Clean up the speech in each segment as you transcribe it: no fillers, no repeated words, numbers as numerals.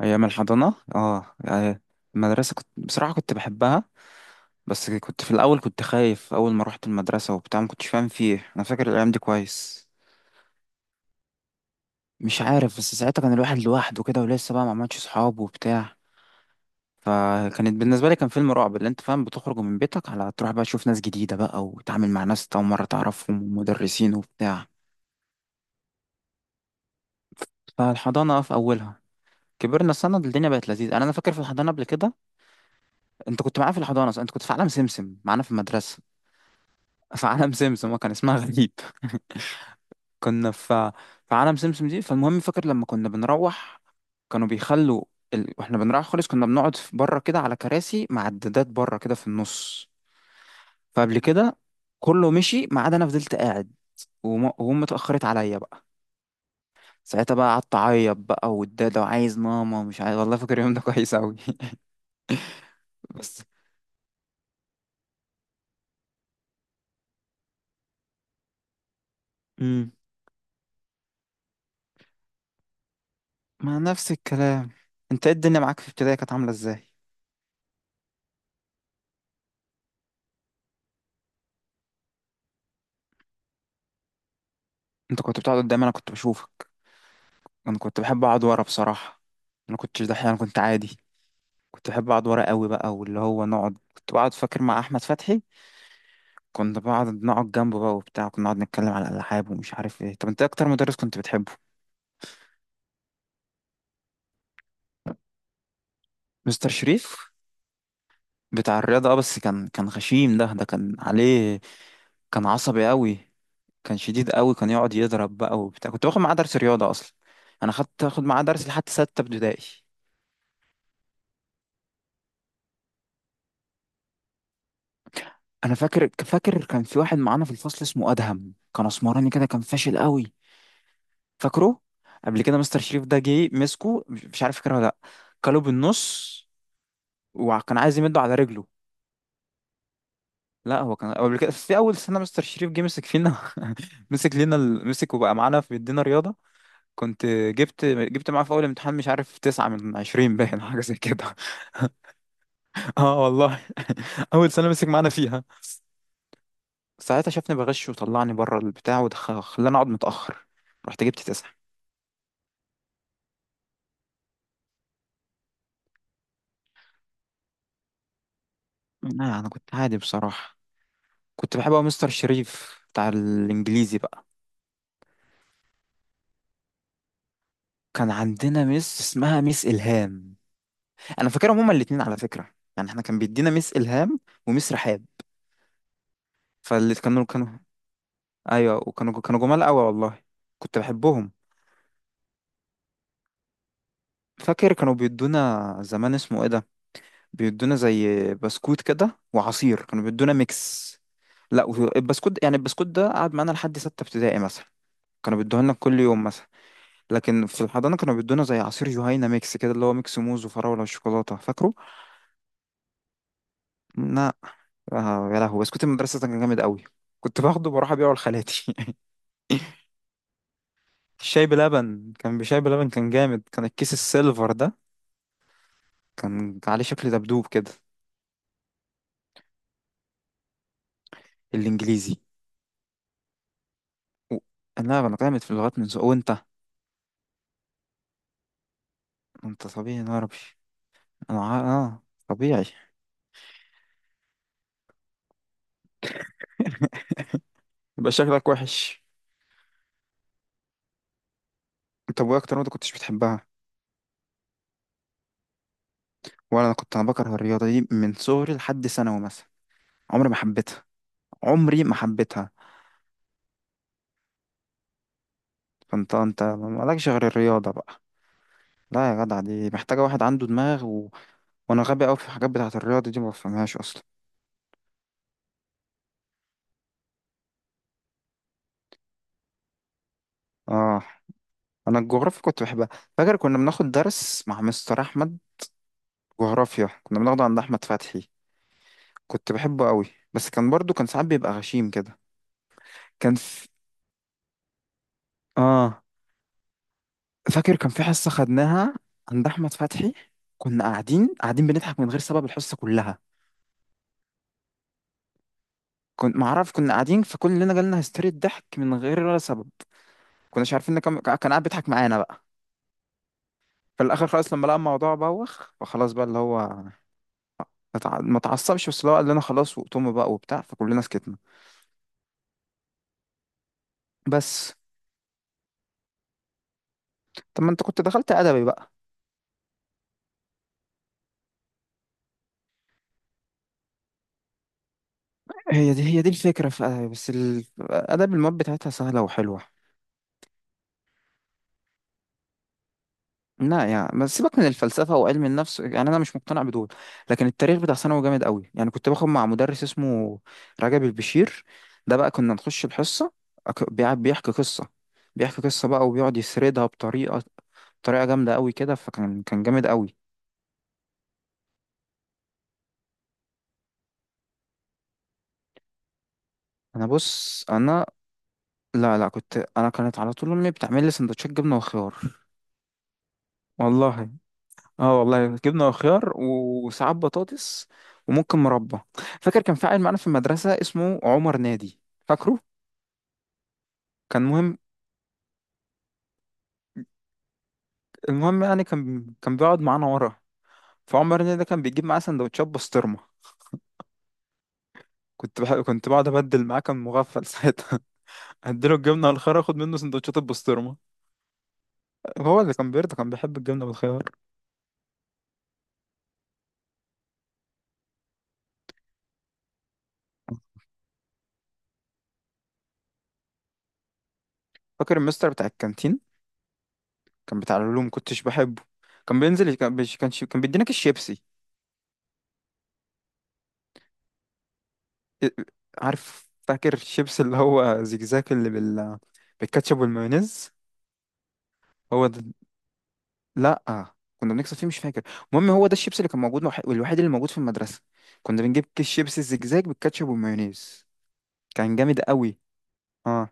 أيام الحضانة، اه، آه. المدرسة كنت، بصراحة، كنت بحبها. بس كنت في الأول كنت خايف أول ما روحت المدرسة وبتاع، ما كنتش فاهم فيه. أنا فاكر الأيام دي كويس. مش عارف، بس ساعتها كان الواحد لوحده كده ولسه بقى ما عملش صحاب وبتاع. فكانت بالنسبة لي، كان فيلم رعب، اللي أنت فاهم، بتخرج من بيتك على تروح بقى تشوف ناس جديدة بقى وتتعامل مع ناس أنت أول مرة تعرفهم ومدرسين وبتاع. فالحضانة في أولها، كبرنا سنة الدنيا بقت لذيذة. أنا فاكر، في الحضانة قبل كده أنت كنت معايا في الحضانة صح؟ أنت كنت في عالم سمسم معانا في المدرسة. في عالم سمسم، هو كان اسمها غريب. كنا في عالم سمسم دي. فالمهم، فاكر لما كنا بنروح، كانوا بيخلوا واحنا بنروح خالص كنا بنقعد في بره كده على كراسي معدات بره كده في النص. فقبل كده كله مشي ما عدا انا فضلت قاعد. وهم اتأخرت عليا بقى. ساعتها بقى قعدت اعيط بقى، والدادة، وعايز ماما ومش عايز، والله فاكر اليوم ده كويس قوي. بس، امم مع نفس الكلام، انت ايه الدنيا معاك في ابتدائي كانت عاملة ازاي؟ انت كنت بتقعد قدامي، انا كنت بشوفك. انا كنت بحب اقعد ورا بصراحه. انا كنتش دحيح، انا كنت عادي. كنت بحب اقعد ورا قوي بقى واللي هو نقعد، كنت بقعد فاكر مع احمد فتحي. كنت بقعد نقعد جنبه بقى وبتاع، كنا نقعد نتكلم على الالعاب ومش عارف ايه. طب انت إيه اكتر مدرس كنت بتحبه؟ مستر شريف بتاع الرياضه، اه، بس كان غشيم، ده كان عليه. كان عصبي قوي. كان شديد قوي، كان يقعد يضرب بقى وبتاع. كنت باخد معاه درس رياضه اصلا. انا اخد معاه درس لحد 6 ابتدائي. انا فاكر كان في واحد معانا في الفصل اسمه ادهم، كان اسمراني كده، كان فاشل قوي. فاكره، قبل كده مستر شريف ده جه مسكه، مش عارف فاكره ولا لا. كله بالنص، وكان عايز يمده على رجله. لا، هو كان قبل كده في اول سنه مستر شريف جه مسك فينا. مسك لنا ال- مسك وبقى معانا في بيدينا رياضه. كنت جبت معاه في اول امتحان، مش عارف، 9 من 20 باين حاجه زي كده. اه والله. اول سنه مسك معانا فيها، ساعتها شافني بغش وطلعني بره البتاع وخلاني اقعد متاخر. رحت جبت 9. لا انا كنت عادي بصراحه. كنت بحب أوي مستر شريف بتاع الانجليزي بقى. كان عندنا مس اسمها مس الهام. انا فاكرهم هما الاتنين على فكره، يعني احنا كان بيدينا مس الهام ومس رحاب. فاللي كانوا ايوه، وكانوا جمال قوي والله. كنت بحبهم. فاكر كانوا بيدونا زمان اسمه ايه ده، بيدونا زي بسكوت كده وعصير، كانوا بيدونا ميكس. لا، البسكوت ده قعد معانا لحد 6 ابتدائي مثلا، كانوا بيدوه لنا كل يوم مثلا. لكن في الحضانة كانوا بيدونا زي عصير جهينة ميكس كده، اللي هو ميكس موز وفراولة وشوكولاتة، فاكره؟ لا. آه يا لهوي، بسكوت المدرسة ده كان جامد قوي. كنت باخده بروح ابيعه لخالاتي. الشاي بلبن كان، بشاي بلبن كان جامد، كان الكيس السيلفر ده كان عليه شكل دبدوب كده. الانجليزي. و... لا انا جامد في اللغات من زمان، وانت؟ انت طبيعي، انا عربي. انا ع... اه طبيعي. يبقى شكلك وحش. طب وايه اكتر رياضة كنتش بتحبها؟ ولا انا، كنت انا بكره الرياضة دي من صغري لحد ثانوي مثلا. عمري ما حبيتها، عمري ما حبيتها. فانت مالكش غير الرياضة بقى. لا يا جدع، دي محتاجة واحد عنده دماغ. وانا غبي قوي في الحاجات بتاعة الرياضة دي، ما بفهمهاش اصلا. اه، انا الجغرافيا كنت بحبها. فاكر كنا بناخد درس مع مستر احمد، جغرافيا كنا بناخده عند احمد فتحي. كنت بحبه قوي، بس كان برضو كان ساعات بيبقى غشيم كده. كان في... اه فاكر كان في حصة خدناها عند احمد فتحي، كنا قاعدين بنضحك من غير سبب الحصة كلها. كنت معرف كنا قاعدين، فكلنا جالنا هستيري الضحك من غير ولا سبب. كناش عارفين ان كان قاعد بيضحك معانا بقى. في الاخر خلاص، لما لقى الموضوع بوخ فخلاص بقى، اللي هو ما اتعصبش، بس اللي هو قال لنا خلاص وقتهم بقى وبتاع، فكلنا سكتنا. بس. طب ما انت كنت دخلت ادبي بقى؟ هي دي الفكره في ادبي، بس ادبي المواد بتاعتها سهله وحلوه. لا يعني، بس سيبك من الفلسفه وعلم النفس، يعني انا مش مقتنع بدول. لكن التاريخ بتاع ثانوي جامد قوي، يعني كنت باخد مع مدرس اسمه رجب البشير. ده بقى كنا نخش الحصه، بيحكي قصه. بيحكي قصة بقى وبيقعد يسردها بطريقه جامده قوي كده، فكان كان جامد قوي. انا بص انا لا، لا، كنت انا كانت على طول امي بتعمل لي سندوتشات جبنه وخيار. والله. اه والله، جبنه وخيار وساعات بطاطس وممكن مربى. فاكر كان في عيل معانا في المدرسه اسمه عمر نادي. فاكره؟ كان مهم المهم، يعني كان بيقعد معانا ورا. فعمر نادي ده كان بيجيب معاه سندوتشات بسطرمه. كنت بقعد ابدل معاه، كان مغفل ساعتها. اديله الجبنه والخيار، اخد منه سندوتشات البسطرمه. هو اللي كان بيرضى، كان بيحب الجبنه والخيار. فاكر المستر بتاع الكانتين؟ كان بتاع العلوم، كنتش بحبه. كان بينزل، كان بيش- كان شي- كان بيدينا كيس شيبسي. إيه، عارف، فاكر الشيبس اللي هو زجزاج اللي بالكاتشب والمايونيز؟ هو ده. لا، كنا بنكسب فيه، مش فاكر. المهم هو ده الشيبس اللي كان موجود، والوحيد اللي موجود في المدرسة. كنا بنجيب كيس شيبسي الزجزاج بالكاتشب والمايونيز، كان جامد قوي. اه،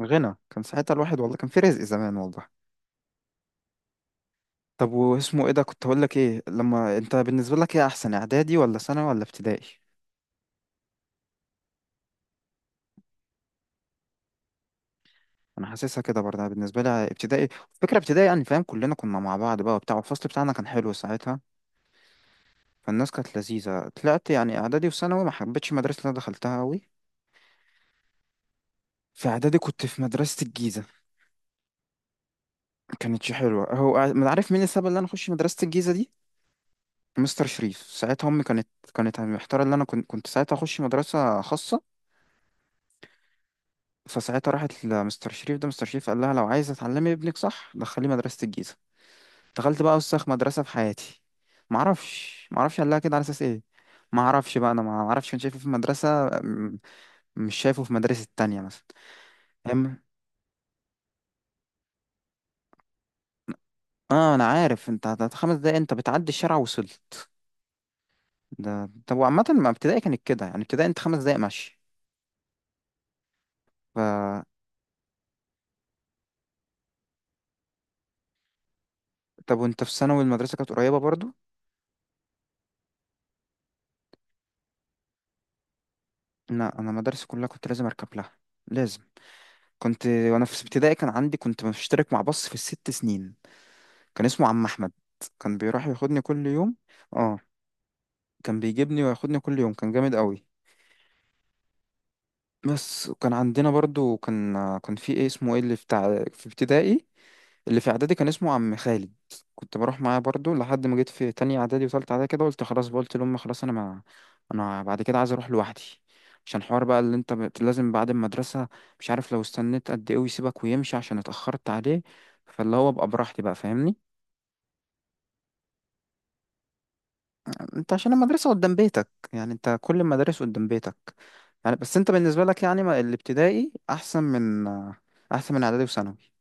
غنى كان ساعتها الواحد والله، كان في رزق زمان والله. طب واسمه ايه ده، كنت هقول لك ايه، لما انت بالنسبة لك ايه احسن، اعدادي ولا ثانوي ولا ابتدائي؟ انا حاسسها كده برضه. أنا بالنسبه لي ابتدائي، فكره ابتدائي يعني، فاهم، كلنا كنا مع بعض بقى وبتاع والفصل بتاعنا كان حلو ساعتها، فالناس كانت لذيذه. طلعت يعني اعدادي وثانوي ما حبيتش المدرسه اللي انا دخلتها قوي. في اعدادي كنت في مدرسه الجيزه، ما كانتش حلوه. هو ما عارف مين السبب اللي انا اخش مدرسه الجيزه دي. مستر شريف ساعتها، امي كانت محتاره ان انا كنت ساعتها اخش مدرسه خاصه، فساعتها راحت لمستر شريف ده، مستر شريف قال لها لو عايزه تعلمي ابنك صح دخليه مدرسه الجيزه. دخلت بقى وسخ مدرسة في حياتي. معرفش قال لها كده على أساس إيه. معرفش بقى، أنا معرفش كان شايفه في مدرسة م- مش شايفه في مدرسة تانية مثلا. فاهم. اه، انا عارف، انت 5 دقايق انت بتعدي الشارع وصلت. ده، طب وعامة ما ابتدائي كانت كده يعني، ابتدائي انت 5 دقايق ماشي. ف طب وانت في ثانوي المدرسة كانت قريبة برضو؟ لا انا مدرسة كلها كنت لازم اركب لها. لازم، كنت وانا في ابتدائي كان عندي، كنت مشترك مع باص في الـ6 سنين كان اسمه عم احمد، كان بيروح ياخدني كل يوم. اه كان بيجيبني وياخدني كل يوم، كان جامد قوي. بس وكان عندنا برضو، كان في ايه اسمه ايه اللي بتاع في ابتدائي، اللي في اعدادي كان اسمه عم خالد. كنت بروح معاه برضو لحد ما جيت في تانية اعدادي وتالتة اعدادي كده، قلت خلاص بقى، قلت لهم خلاص انا ما، انا بعد كده عايز اروح لوحدي، عشان حوار بقى اللي انت لازم بعد المدرسة، مش عارف لو استنيت قد ايه ويسيبك ويمشي عشان اتأخرت عليه، فاللي هو ابقى براحتي بقى، فاهمني. انت عشان المدرسة قدام بيتك يعني، انت كل المدارس قدام بيتك يعني، بس انت بالنسبة لك يعني الابتدائي احسن من اعدادي وثانوي.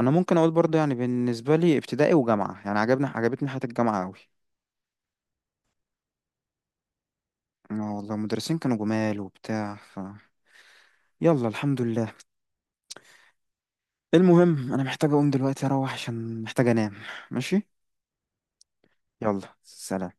انا ممكن اقول برضو يعني بالنسبة لي ابتدائي وجامعة، يعني عجبتني حياة الجامعة قوي. اه والله، المدرسين كانوا جمال وبتاع، يلا الحمد لله. المهم انا محتاج اقوم دلوقتي اروح عشان محتاج انام. ماشي، يلا سلام.